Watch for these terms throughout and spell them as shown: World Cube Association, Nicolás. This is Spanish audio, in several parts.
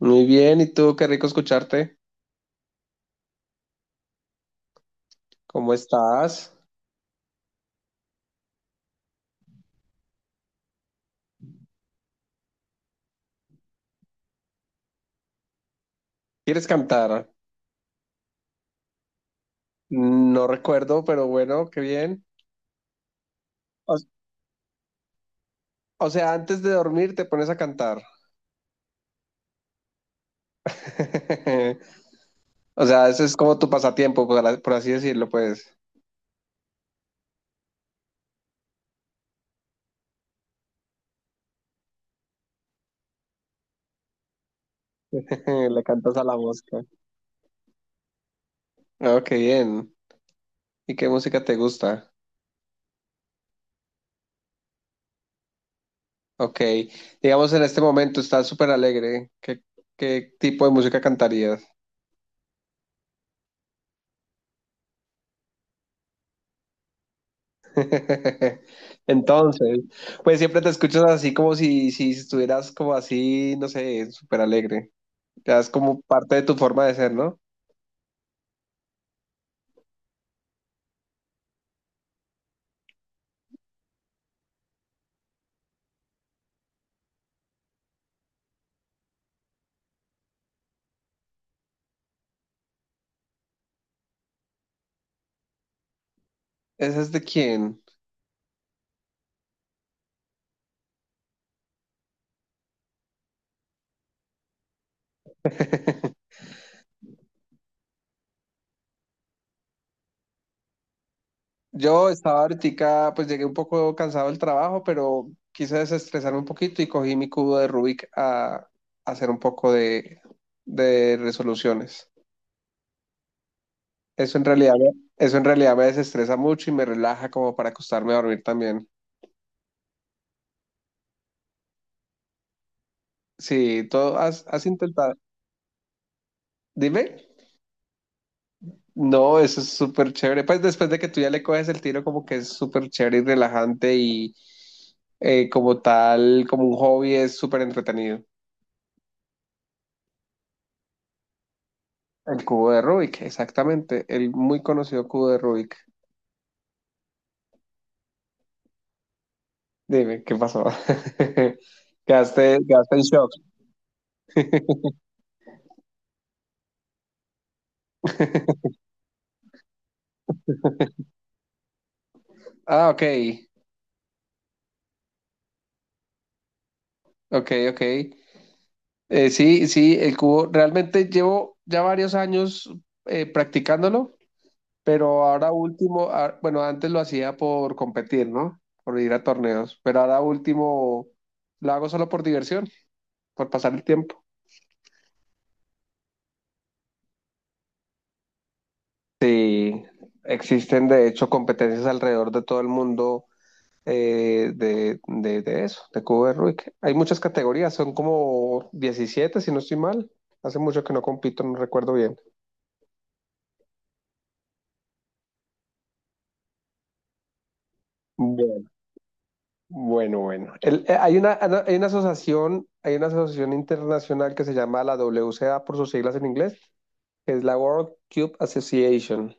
Muy bien, ¿y tú? Qué rico escucharte. ¿Cómo estás? ¿Quieres cantar? No recuerdo, pero bueno, qué bien. O, o sea, antes de dormir te pones a cantar. O sea, eso es como tu pasatiempo, por así decirlo, pues. Le cantas a la mosca. Oh, qué bien. ¿Y qué música te gusta? Ok. Digamos, en este momento estás súper alegre. ¿Qué tipo de música cantarías? Entonces, pues siempre te escuchas así como si estuvieras como así, no sé, súper alegre. Ya es como parte de tu forma de ser, ¿no? ¿Esa es de quién? Yo estaba ahorita, pues llegué un poco cansado del trabajo, pero quise desestresarme un poquito y cogí mi cubo de Rubik a hacer un poco de resoluciones. Eso en realidad, me desestresa mucho y me relaja como para acostarme a dormir también. Sí, todo has intentado. Dime. No, eso es súper chévere. Pues después de que tú ya le coges el tiro, como que es súper chévere y relajante y como tal, como un hobby es súper entretenido. El cubo de Rubik, exactamente. El muy conocido cubo de Rubik. Dime, ¿qué pasó? Quedaste en shock. Ah, ok, ok, ok. Sí, sí, el cubo. Realmente llevo ya varios años practicándolo. Pero ahora último, bueno, antes lo hacía por competir, ¿no? Por ir a torneos, pero ahora último lo hago solo por diversión, por pasar el tiempo. Sí, existen de hecho competencias alrededor de todo el mundo de eso, de cubo de Rubik. Hay muchas categorías, son como 17 si no estoy mal. Hace mucho que no compito, no recuerdo bien. Bueno, bueno, bueno. Hay una asociación internacional que se llama la WCA por sus siglas en inglés, que es la World Cube Association.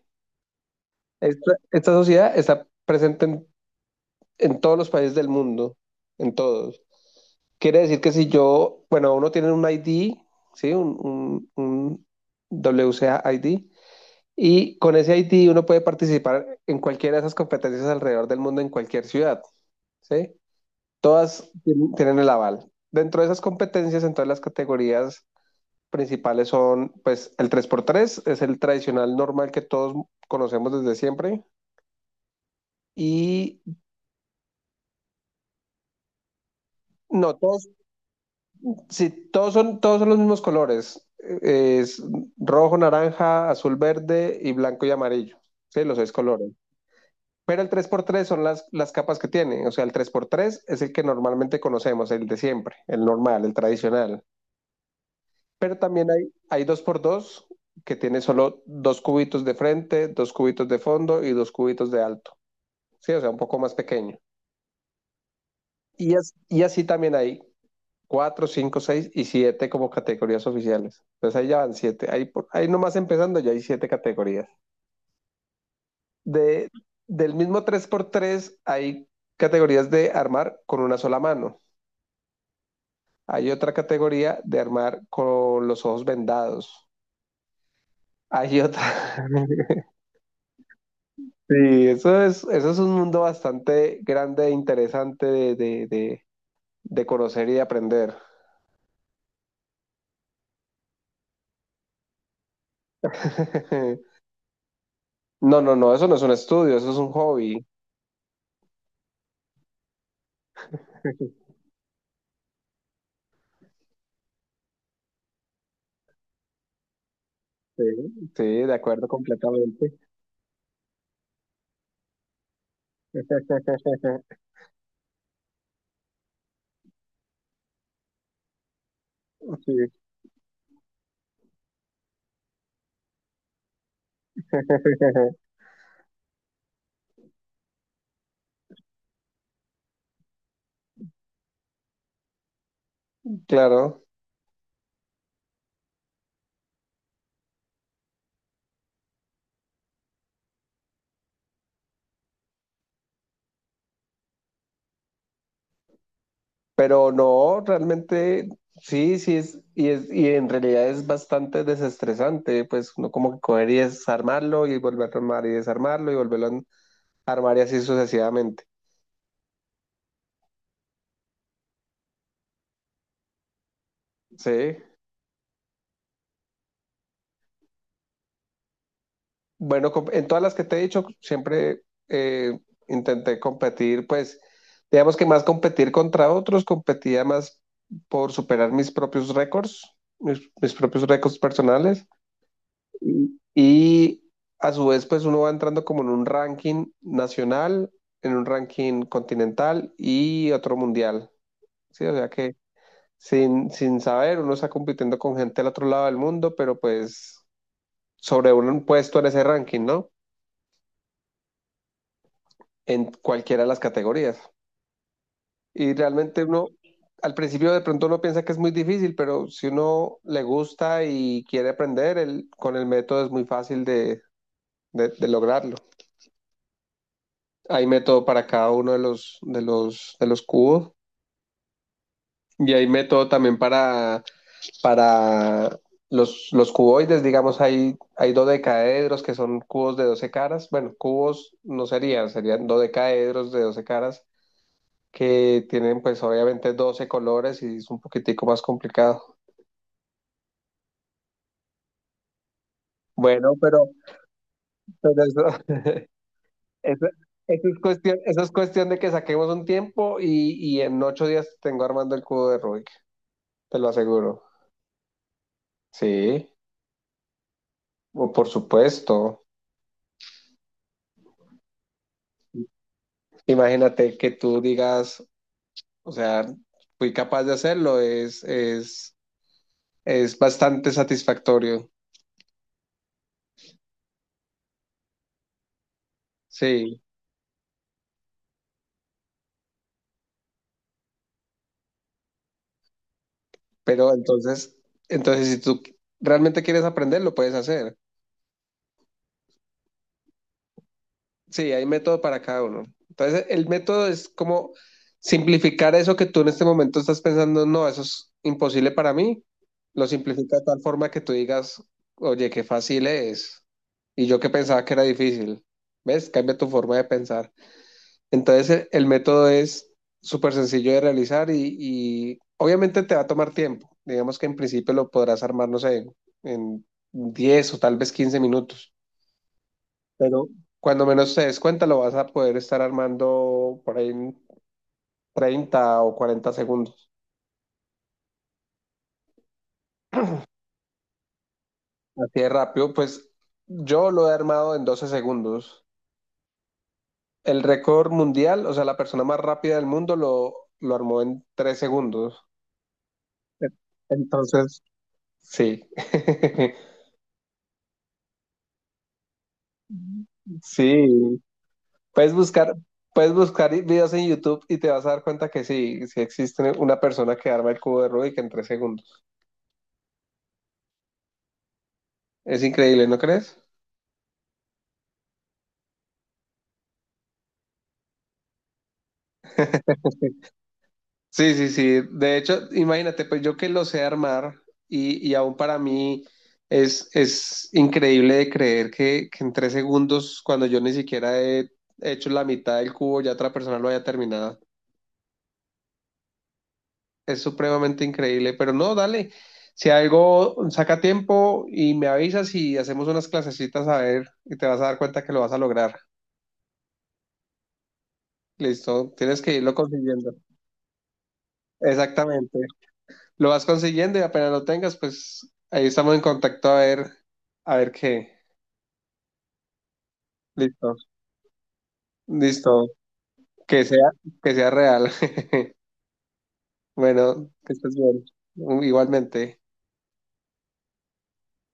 Esta sociedad está presente en todos los países del mundo, en todos. Quiere decir que si yo, bueno, uno tiene un ID, ¿sí? Un WCA ID, y con ese ID uno puede participar en cualquiera de esas competencias alrededor del mundo, en cualquier ciudad, ¿sí? Todas tienen el aval. Dentro de esas competencias, en todas las categorías principales son, pues, el tres por tres es el tradicional normal que todos conocemos desde siempre. Y no, todos, sí, todos son los mismos colores. Es rojo, naranja, azul, verde y blanco y amarillo. Sí, los seis colores. Pero el tres por tres son las capas que tiene. O sea, el tres por tres es el que normalmente conocemos, el de siempre, el normal, el tradicional. Pero también hay dos por dos que tiene solo dos cubitos de frente, dos cubitos de fondo y dos cubitos de alto. Sí, o sea, un poco más pequeño. Y así también hay cuatro, cinco, seis y siete como categorías oficiales. Entonces ahí ya van siete. Ahí, ahí nomás empezando ya hay siete categorías. De, del mismo tres por tres hay categorías de armar con una sola mano. Hay otra categoría de armar con los ojos vendados. Hay otra. Sí, eso es un mundo bastante grande e interesante de conocer y de aprender. No, no, no, eso no es un estudio, eso es un hobby. Sí, sí, de acuerdo completamente. Sí, claro, pero no, realmente sí, sí es y en realidad es bastante desestresante, pues uno como que coger y desarmarlo y volver a armar y desarmarlo y volverlo a armar y así sucesivamente. Sí. Bueno, en todas las que te he dicho, siempre eh, intenté competir, pues, digamos que más competir contra otros, competía más por superar mis propios récords, mis propios récords personales. Y a su vez, pues uno va entrando como en un ranking nacional, en un ranking continental y otro mundial, ¿sí? O sea que sin saber, uno está compitiendo con gente del otro lado del mundo, pero pues sobre un puesto en ese ranking, ¿no? En cualquiera de las categorías. Y realmente uno, al principio de pronto uno piensa que es muy difícil, pero si uno le gusta y quiere aprender, con el método es muy fácil de lograrlo. Hay método para cada uno de los cubos y hay método también para los cuboides, digamos, hay dodecaedros que son cubos de 12 caras. Bueno, cubos no serían, serían dodecaedros de 12 caras que tienen pues obviamente 12 colores y es un poquitico más complicado. Bueno, pero eso, eso, eso es cuestión de que saquemos un tiempo y en 8 días tengo armando el cubo de Rubik, te lo aseguro. Sí, o por supuesto. Imagínate que tú digas, o sea, fui capaz de hacerlo, es bastante satisfactorio. Sí, pero entonces si tú realmente quieres aprender, lo puedes hacer. Sí, hay método para cada uno. Entonces, el, método es como simplificar eso que tú en este momento estás pensando, no, eso es imposible para mí. Lo simplifica de tal forma que tú digas, oye, qué fácil es. Y yo que pensaba que era difícil. ¿Ves? Cambia tu forma de pensar. Entonces, el método es súper sencillo de realizar y obviamente te va a tomar tiempo. Digamos que en principio lo podrás armar, no sé, en 10 o tal vez 15 minutos, pero cuando menos te des cuenta lo vas a poder estar armando por ahí en 30 o 40 segundos. Así de rápido, pues yo lo he armado en 12 segundos. El récord mundial, o sea, la persona más rápida del mundo lo armó en 3 segundos. E- Entonces, sí. Sí. Puedes buscar, puedes buscar videos en YouTube y te vas a dar cuenta que sí, sí existe una persona que arma el cubo de Rubik en 3 segundos. Es increíble, ¿no crees? Sí, sí, sí. De hecho, imagínate, pues yo que lo sé armar y aún para mí es increíble de creer que en 3 segundos, cuando yo ni siquiera he hecho la mitad del cubo, ya otra persona lo haya terminado. Es supremamente increíble, pero no, dale. Si algo saca tiempo y me avisas y hacemos unas clasecitas a ver y te vas a dar cuenta que lo vas a lograr. Listo, tienes que irlo consiguiendo. Exactamente. Lo vas consiguiendo y apenas lo tengas, pues ahí estamos en contacto a ver qué. Listo, listo. Que sea, que sea real. Bueno, que estés bien. Igualmente.